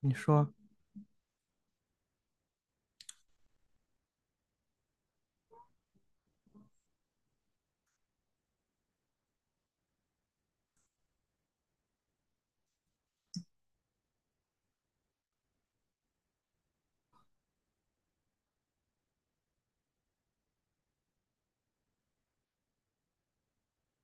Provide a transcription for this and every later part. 你说。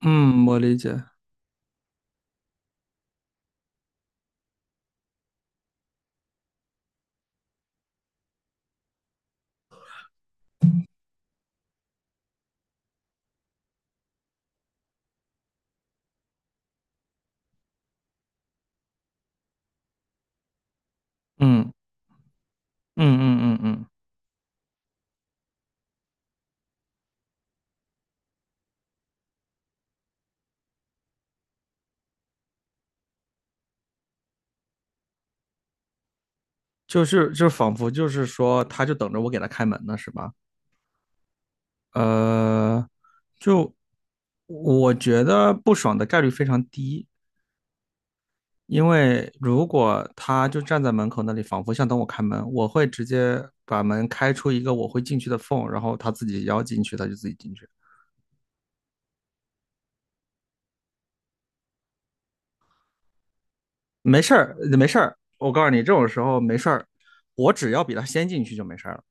嗯，我理解。嗯嗯，就是仿佛就是说，他就等着我给他开门呢，是吧？呃，就我觉得不爽的概率非常低，因为如果他就站在门口那里，仿佛想等我开门，我会直接把门开出一个我会进去的缝，然后他自己要进去，他就自己进去。没事儿，没事儿。我告诉你，这种时候没事儿，我只要比他先进去就没事儿了。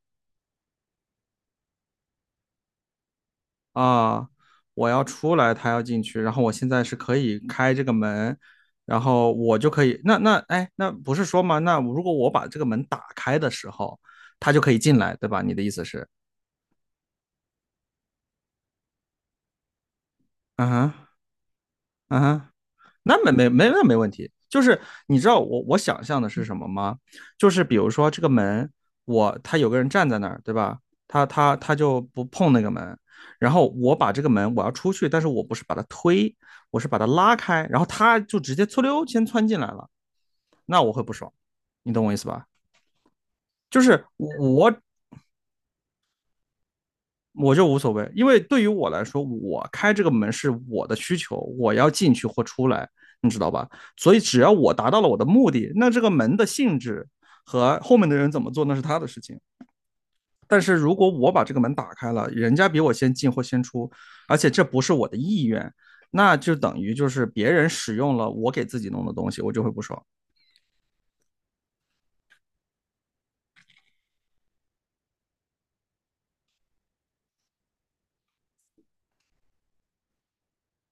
啊，我要出来，他要进去，然后我现在是可以开这个门，然后我就可以，那哎，那不是说吗？那如果我把这个门打开的时候，他就可以进来，对吧？你的意思是，嗯哼，嗯哼。那没问题，就是你知道我想象的是什么吗？就是比如说这个门，他有个人站在那儿，对吧？他就不碰那个门，然后我把这个门我要出去，但是我不是把它推，我是把它拉开，然后他就直接嗖溜先窜进来了，那我会不爽，你懂我意思吧？就是我我就无所谓，因为对于我来说，我开这个门是我的需求，我要进去或出来，你知道吧？所以只要我达到了我的目的，那这个门的性质和后面的人怎么做，那是他的事情。但是如果我把这个门打开了，人家比我先进或先出，而且这不是我的意愿，那就等于就是别人使用了我给自己弄的东西，我就会不爽。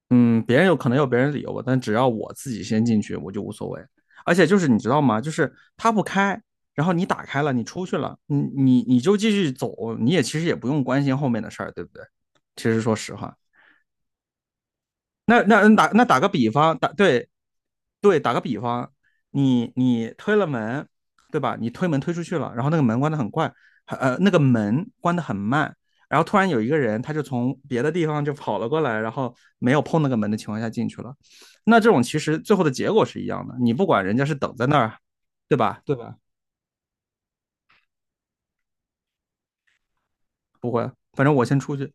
嗯，别人有可能有别人理由吧，但只要我自己先进去，我就无所谓。而且就是你知道吗？就是他不开，然后你打开了，你出去了，你就继续走，你也其实也不用关心后面的事儿，对不对？其实说实话，那那那打那打个比方，对对，打个比方，你推了门，对吧？你推门推出去了，然后那个门关得很快，那个门关得很慢，然后突然有一个人，他就从别的地方就跑了过来，然后没有碰那个门的情况下进去了。那这种其实最后的结果是一样的，你不管人家是等在那儿，对吧？对吧？不会，反正我先出去。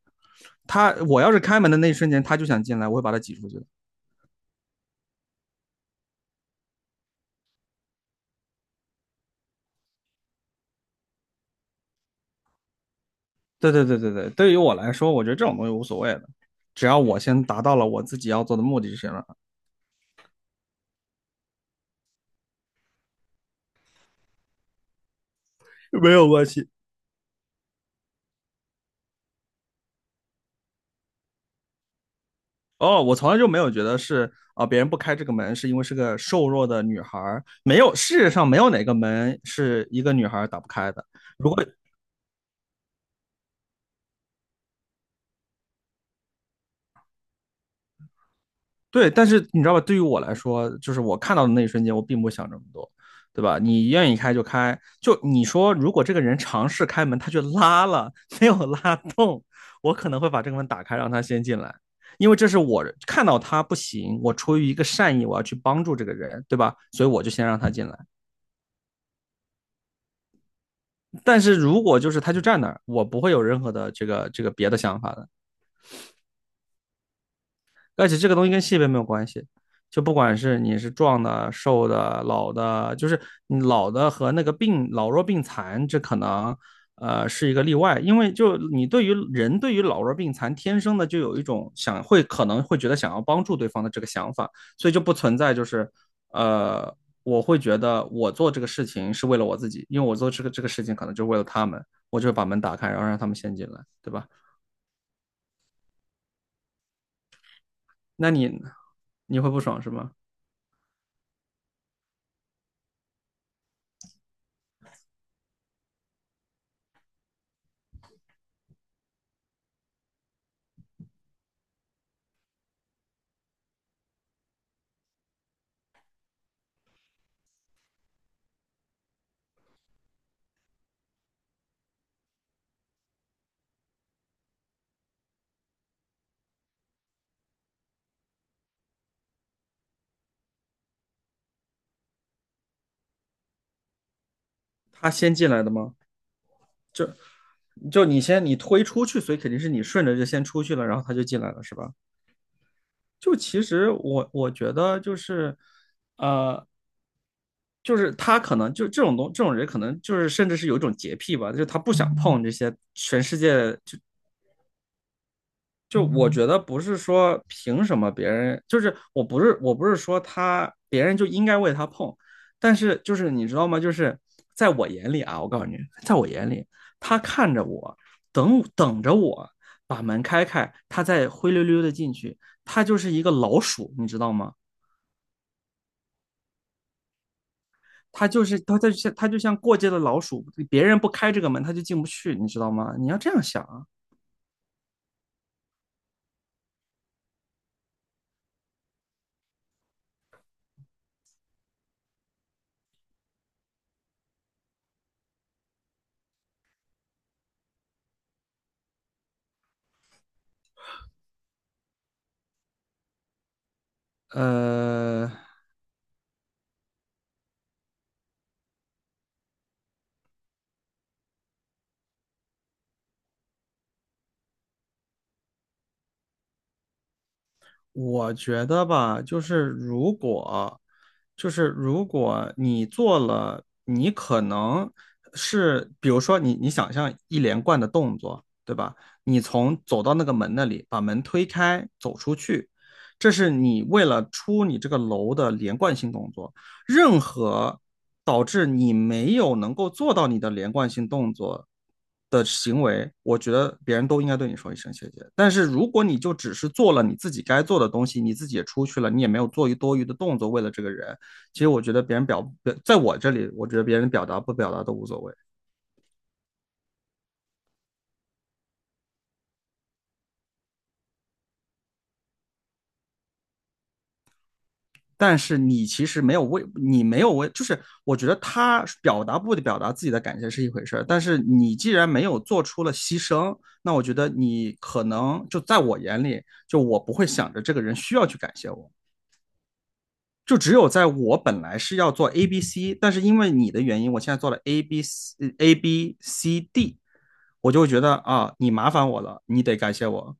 我要是开门的那一瞬间，他就想进来，我会把他挤出去的。对对对对对，对于我来说，我觉得这种东西无所谓的，只要我先达到了我自己要做的目的就行了，没有关系。哦，我从来就没有觉得是啊，别人不开这个门是因为是个瘦弱的女孩儿，没有，世界上没有哪个门是一个女孩儿打不开的。如果对，但是你知道吧，对于我来说，就是我看到的那一瞬间，我并不想这么多，对吧？你愿意开就开，就你说，如果这个人尝试开门，他却拉了，没有拉动，我可能会把这个门打开，让他先进来。因为这是我看到他不行，我出于一个善意，我要去帮助这个人，对吧？所以我就先让他进来。但是如果就是他就站那儿，我不会有任何的这个别的想法的。而且这个东西跟性别没有关系，就不管是你是壮的、瘦的、老的，就是你老的和那个病老弱病残，这可能是一个例外，因为就你对于人对于老弱病残天生的就有一种想会可能会觉得想要帮助对方的这个想法，所以就不存在就是呃我会觉得我做这个事情是为了我自己，因为我做这个事情可能就是为了他们，我就把门打开，然后让他们先进来，对吧？那你会不爽是吗？他先进来的吗？就你先你推出去，所以肯定是你顺着就先出去了，然后他就进来了，是吧？就其实我觉得就是，呃，就是他可能就这种人可能就是甚至是有一种洁癖吧，就是他不想碰这些全世界就我觉得不是说凭什么别人，就是我不是说他别人就应该为他碰，但是就是你知道吗？就是在我眼里啊，我告诉你，在我眼里，他看着我，等着我把门开开，他再灰溜溜的进去，他就是一个老鼠，你知道吗？他就是他在像他就像过街的老鼠，别人不开这个门他就进不去，你知道吗？你要这样想啊。呃。我觉得吧，就是如果你做了，你可能是，比如说你想象一连贯的动作，对吧？你从走到那个门那里，把门推开，走出去，这是你为了出你这个楼的连贯性动作。任何导致你没有能够做到你的连贯性动作的行为，我觉得别人都应该对你说一声谢谢。但是如果你就只是做了你自己该做的东西，你自己也出去了，你也没有做多余的动作为了这个人，其实我觉得别人表，在我这里，我觉得别人表达不表达都无所谓。但是你其实没有为，就是我觉得他表达不表达自己的感谢是一回事儿，但是你既然没有做出了牺牲，那我觉得你可能就在我眼里，就我不会想着这个人需要去感谢我，就只有在我本来是要做 A B C，但是因为你的原因，我现在做了 A B C D，我就会觉得啊，你麻烦我了，你得感谢我。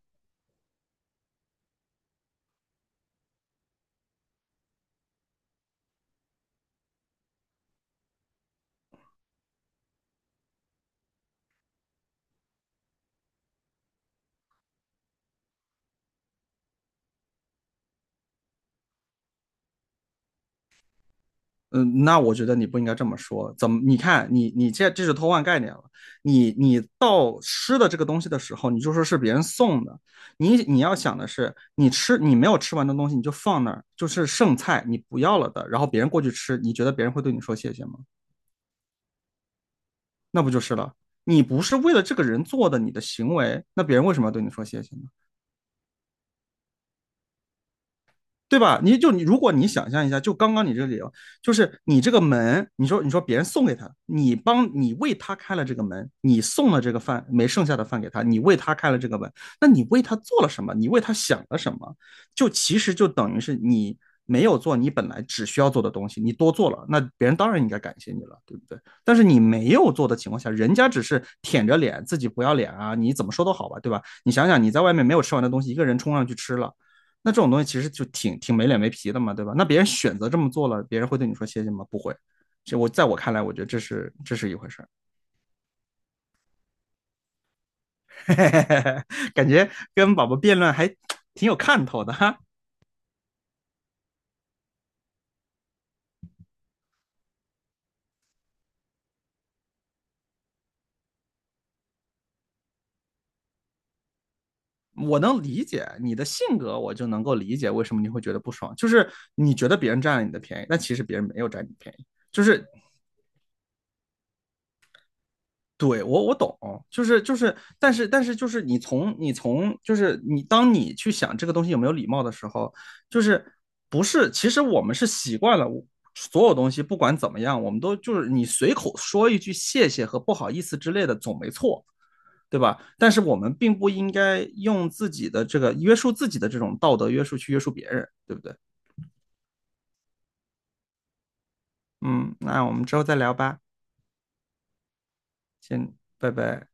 嗯，那我觉得你不应该这么说。怎么？你看，你这是偷换概念了。你你到吃的这个东西的时候，你就说是别人送的。你你要想的是，你吃你没有吃完的东西，你就放那儿，就是剩菜，你不要了的。然后别人过去吃，你觉得别人会对你说谢谢吗？那不就是了？你不是为了这个人做的你的行为，那别人为什么要对你说谢谢呢？对吧？你就你，如果你想象一下，就刚刚你这个理由，就是你这个门，你说别人送给他，你为他开了这个门，你送了这个饭没剩下的饭给他，你为他开了这个门，那你为他做了什么？你为他想了什么？就其实就等于是你没有做你本来只需要做的东西，你多做了，那别人当然应该感谢你了，对不对？但是你没有做的情况下，人家只是舔着脸自己不要脸啊，你怎么说都好吧，对吧？你想想你在外面没有吃完的东西，一个人冲上去吃了。那这种东西其实就挺没脸没皮的嘛，对吧？那别人选择这么做了，别人会对你说谢谢吗？不会。这我在我看来，我觉得这是一回事儿。感觉跟宝宝辩论还挺有看头的哈。我能理解你的性格，我就能够理解为什么你会觉得不爽，就是你觉得别人占了你的便宜，但其实别人没有占你便宜，就是对我懂，但是就是你从就是你当你去想这个东西有没有礼貌的时候，就是不是其实我们是习惯了所有东西不管怎么样，我们都就是你随口说一句谢谢和不好意思之类的总没错，对吧？但是我们并不应该用自己的这个约束自己的这种道德约束去约束别人，对不对？嗯，那我们之后再聊吧，先拜拜。